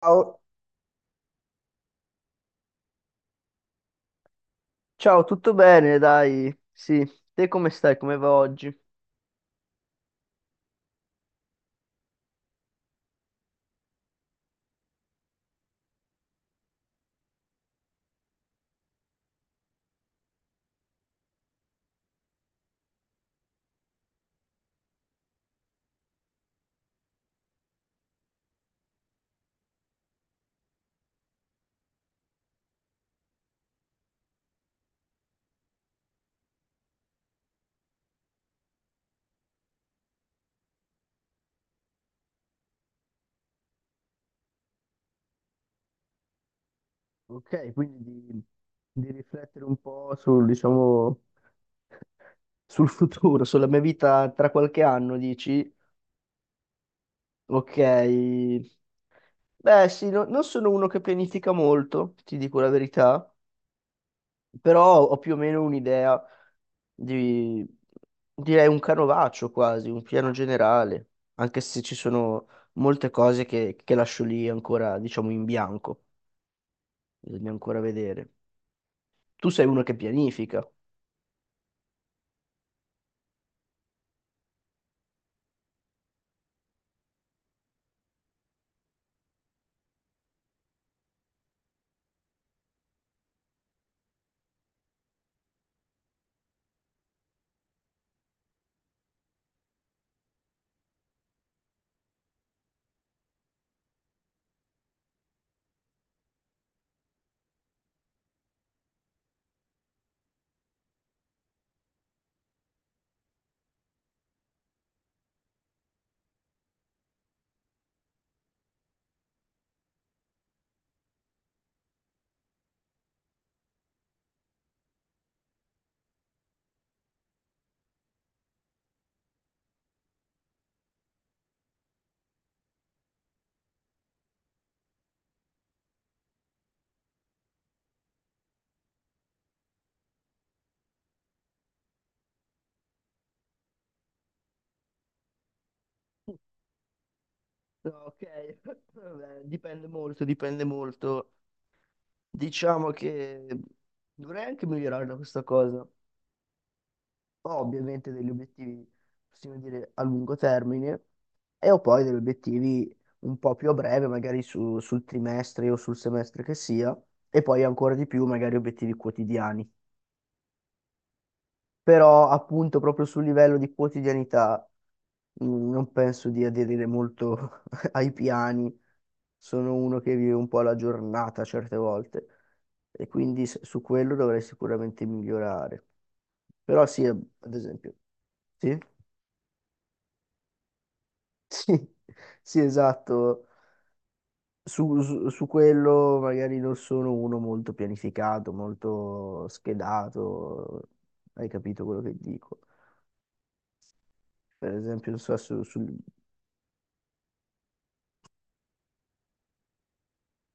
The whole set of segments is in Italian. Ciao, ciao, tutto bene, dai. Sì, te come stai? Come va oggi? Ok, quindi di riflettere un po' sul, diciamo, sul futuro, sulla mia vita tra qualche anno, dici? Ok, beh sì, non sono uno che pianifica molto, ti dico la verità, però ho più o meno un'idea di, direi un canovaccio quasi, un piano generale, anche se ci sono molte cose che lascio lì ancora, diciamo, in bianco. Bisogna ancora vedere. Tu sei uno che pianifica. No, ok, vabbè, dipende molto, dipende molto. Diciamo che dovrei anche migliorare da questa cosa. Ho ovviamente degli obiettivi, possiamo dire, a lungo termine e ho poi degli obiettivi un po' più a breve, magari sul trimestre o sul semestre che sia, e poi ancora di più, magari obiettivi quotidiani. Però appunto proprio sul livello di quotidianità non penso di aderire molto ai piani, sono uno che vive un po' la giornata certe volte e quindi su quello dovrei sicuramente migliorare. Però sì, ad esempio, sì, sì, sì, esatto. Su, su quello magari non sono uno molto pianificato, molto schedato, hai capito quello che dico. Per esempio, non so, su,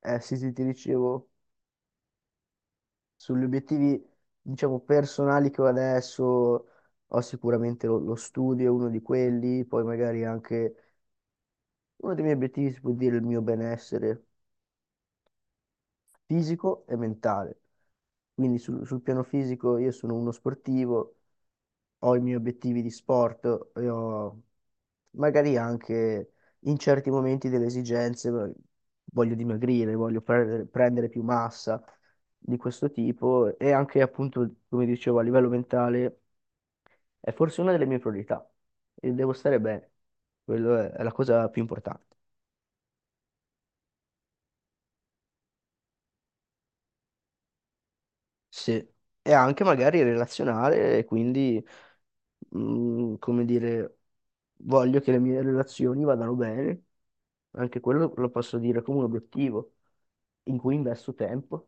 eh sì, sì, ti dicevo, sugli obiettivi, diciamo, personali che ho adesso, ho sicuramente lo, lo studio, è uno di quelli, poi magari anche uno dei miei obiettivi si può dire il mio benessere, fisico e mentale. Quindi sul, sul piano fisico io sono uno sportivo, ho i miei obiettivi di sport e ho magari anche in certi momenti delle esigenze, voglio dimagrire, voglio prendere più massa di questo tipo e anche appunto, come dicevo, a livello mentale è forse una delle mie priorità e devo stare bene. Quello è la cosa più importante. Sì, e anche magari relazionale, e quindi, come dire, voglio che le mie relazioni vadano bene, anche quello lo posso dire come un obiettivo in cui investo tempo.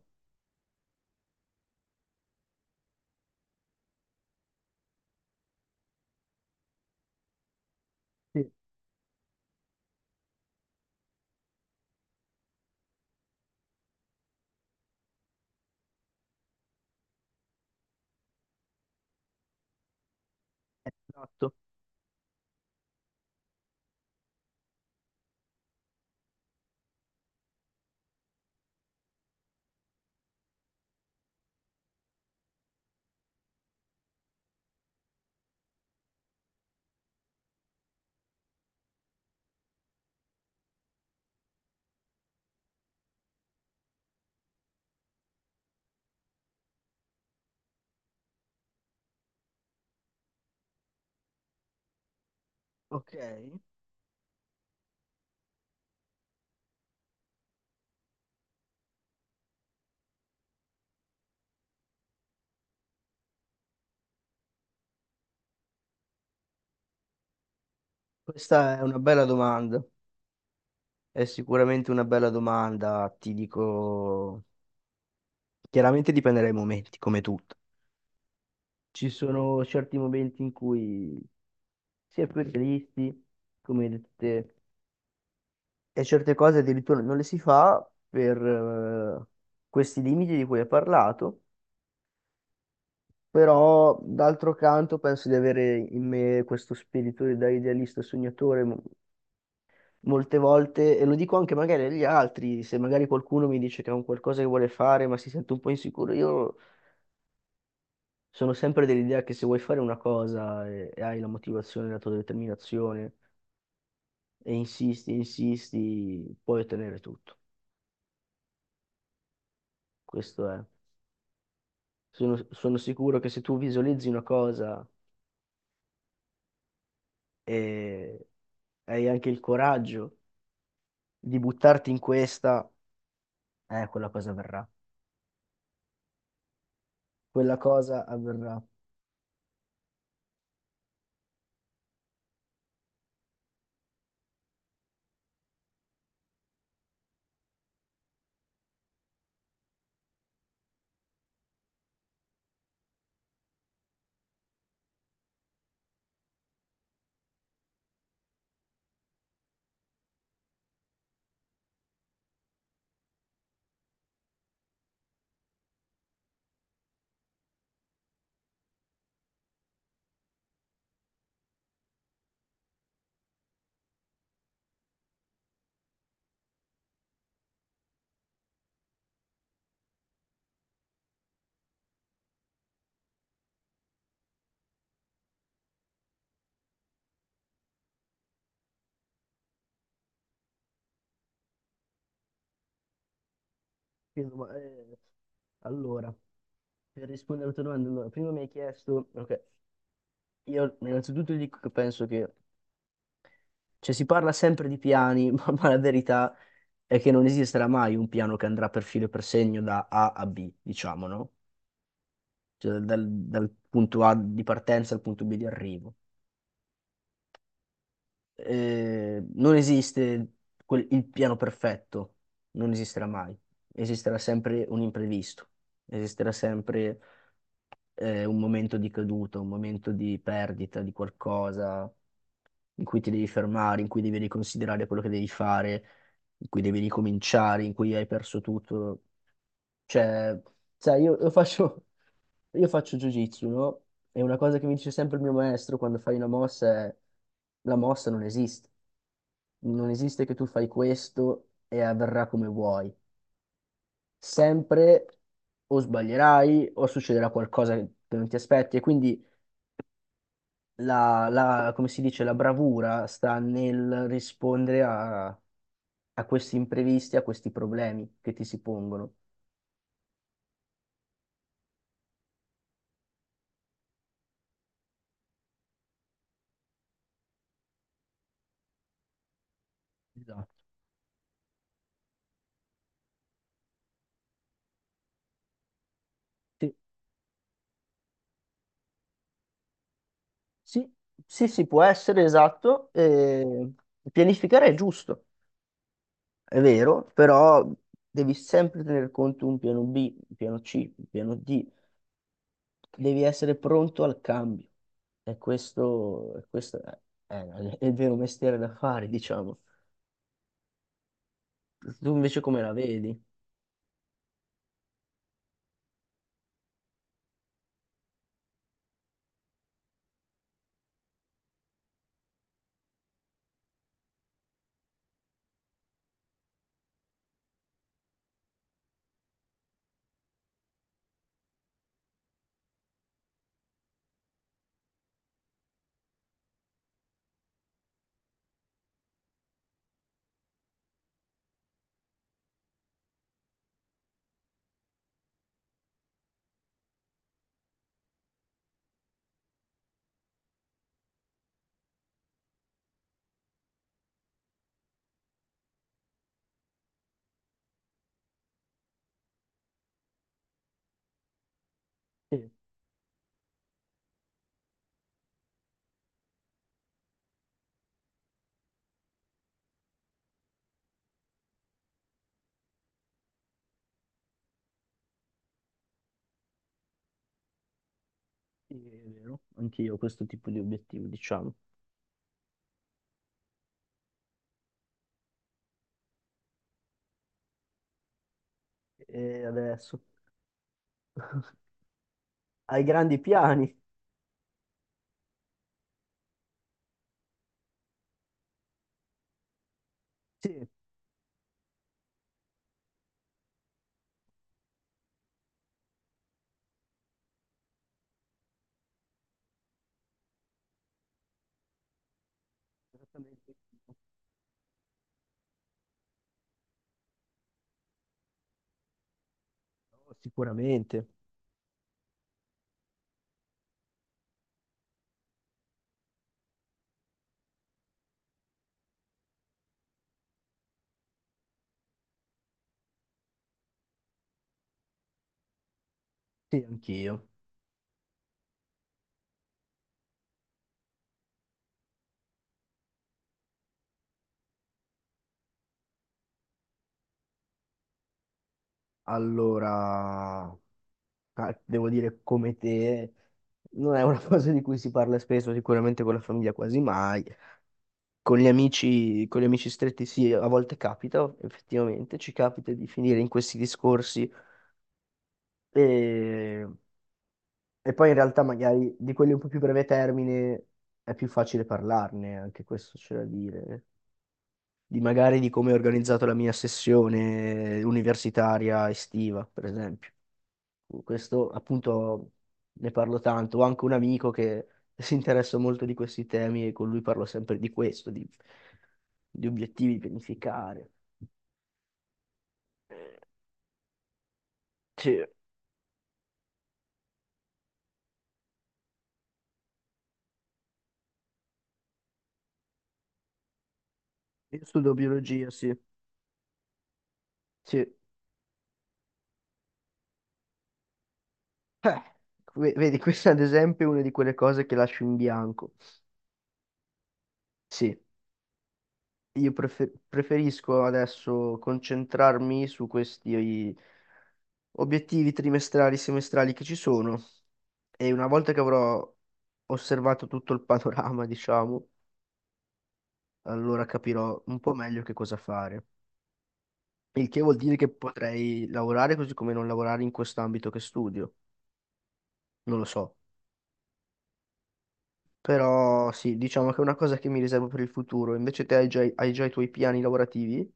Sì, esatto. Ok, questa è una bella domanda, è sicuramente una bella domanda, ti dico, chiaramente dipende dai momenti, come tutto. Ci sono certi momenti in cui si è più realisti, come hai detto te, e certe cose addirittura non le si fa per questi limiti di cui hai parlato, però d'altro canto penso di avere in me questo spirito da idealista sognatore molte volte, e lo dico anche magari agli altri, se magari qualcuno mi dice che è un qualcosa che vuole fare ma si sente un po' insicuro, io sono sempre dell'idea che se vuoi fare una cosa e hai la motivazione, la tua determinazione, e insisti, insisti, puoi ottenere tutto. Questo è. Sono, sono sicuro che se tu visualizzi una cosa e hai anche il coraggio di buttarti in questa, quella cosa avverrà. Quella cosa avverrà. Quindi, allora, per rispondere alla tua domanda, allora, prima mi hai chiesto, ok, io innanzitutto ti dico che penso che, cioè si parla sempre di piani, ma la verità è che non esisterà mai un piano che andrà per filo e per segno da A a B, diciamo, no? Cioè dal punto A di partenza al punto B di arrivo. Non esiste il piano perfetto, non esisterà mai. Esisterà sempre un imprevisto, esisterà sempre un momento di caduta, un momento di perdita di qualcosa in cui ti devi fermare, in cui devi riconsiderare quello che devi fare, in cui devi ricominciare, in cui hai perso tutto. Cioè, sai, io faccio, io faccio jiu-jitsu, no? E una cosa che mi dice sempre il mio maestro quando fai una mossa è la mossa non esiste. Non esiste che tu fai questo e avverrà come vuoi. Sempre o sbaglierai o succederà qualcosa che non ti aspetti. E quindi come si dice, la bravura sta nel rispondere a, a questi imprevisti, a questi problemi che ti si pongono. Esatto. Sì, sì, sì, può essere esatto. Pianificare è giusto, è vero, però devi sempre tener conto un piano B, un piano C, un piano D. Devi essere pronto al cambio. E questo, è il vero mestiere da fare, diciamo. Tu invece come la vedi? Sì, sì, è vero, anch'io ho questo tipo di obiettivo, diciamo. E adesso? Hai grandi piani? Sì, esattamente. Oh, sicuramente. Sì, anch'io. Allora, devo dire come te, non è una cosa di cui si parla spesso, sicuramente con la famiglia quasi mai. Con gli amici stretti sì, a volte capita, effettivamente, ci capita di finire in questi discorsi e, e poi in realtà magari di quelli un po' più breve termine è più facile parlarne, anche questo c'è da dire. Di magari di come ho organizzato la mia sessione universitaria estiva, per esempio. Questo appunto ne parlo tanto. Ho anche un amico che si interessa molto di questi temi e con lui parlo sempre di questo, di obiettivi, pianificare. Eh, Sì, io studio biologia, sì. Sì. Vedi, questa ad esempio è una di quelle cose che lascio in bianco. Sì, io preferisco adesso concentrarmi su questi obiettivi trimestrali, semestrali che ci sono. E una volta che avrò osservato tutto il panorama, diciamo, allora capirò un po' meglio che cosa fare. Il che vuol dire che potrei lavorare così come non lavorare in quest'ambito che studio. Non lo so. Però sì, diciamo che è una cosa che mi riservo per il futuro. Invece te hai già i tuoi piani lavorativi.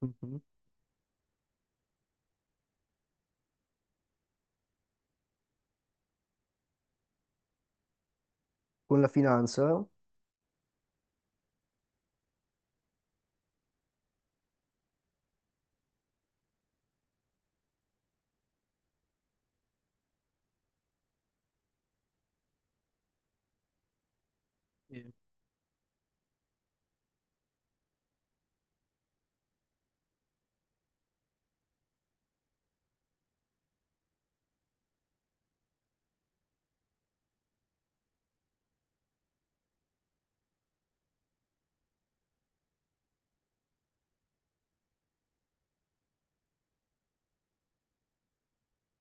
Mhm. Con la finanza? Sì,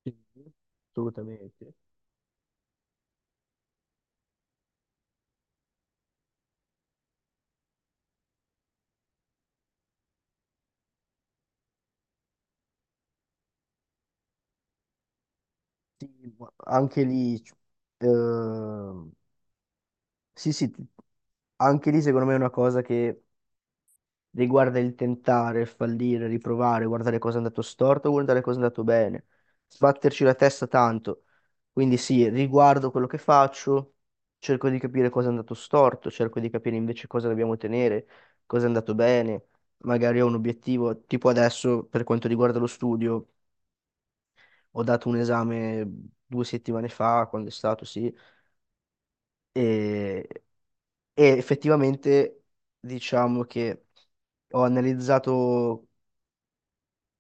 sì. Assolutamente. Ma anche lì, ehm, sì, sì, anche lì secondo me è una cosa che riguarda il tentare, il fallire, riprovare, guardare cosa è andato storto, guardare cosa è andato bene, sbatterci la testa tanto. Quindi sì, riguardo quello che faccio, cerco di capire cosa è andato storto, cerco di capire invece cosa dobbiamo tenere, cosa è andato bene. Magari ho un obiettivo, tipo adesso per quanto riguarda lo studio, ho dato un esame 2 settimane fa, quando è stato, sì, e, e effettivamente diciamo che ho analizzato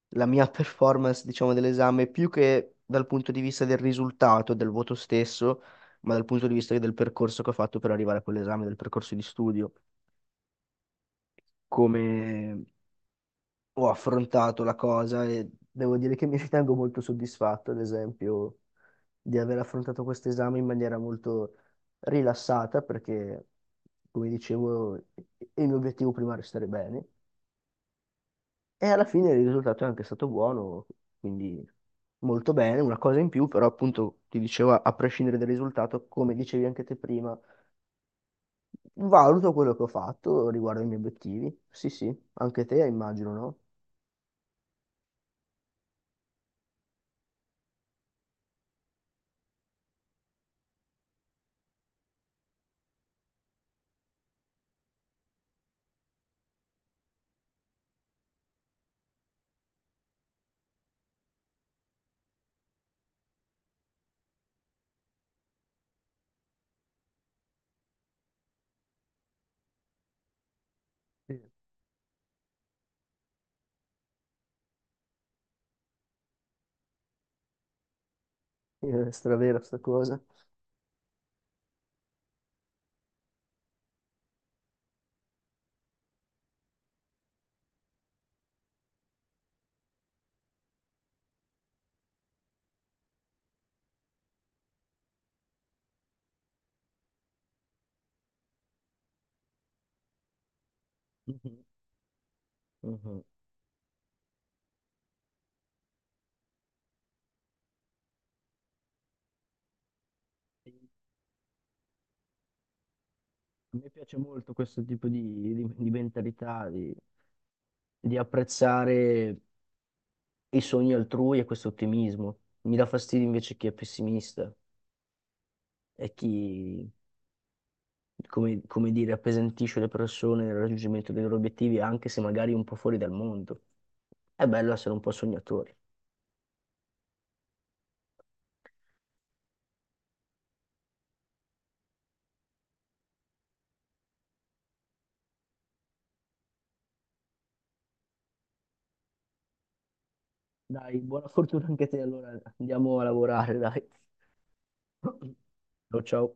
la mia performance, diciamo, dell'esame, più che dal punto di vista del risultato, del voto stesso, ma dal punto di vista del percorso che ho fatto per arrivare a quell'esame, del percorso di studio, come ho affrontato la cosa e devo dire che mi ritengo molto soddisfatto, ad esempio, di aver affrontato questo esame in maniera molto rilassata, perché, come dicevo, il mio obiettivo prima era stare bene. E alla fine il risultato è anche stato buono, quindi molto bene, una cosa in più, però appunto ti dicevo, a prescindere dal risultato, come dicevi anche te prima, valuto quello che ho fatto riguardo ai miei obiettivi. Sì, sì, anche te immagino, no? Sì. È stravera sta cosa. Mhm, mhm. A me piace molto questo tipo di, di mentalità, di apprezzare i sogni altrui e questo ottimismo. Mi dà fastidio invece chi è pessimista e chi come, come dire, appesantisce le persone nel raggiungimento dei loro obiettivi, anche se magari un po' fuori dal mondo. È bello essere un po' sognatori. Dai, buona fortuna anche a te, allora andiamo a lavorare, dai. Ciao, ciao.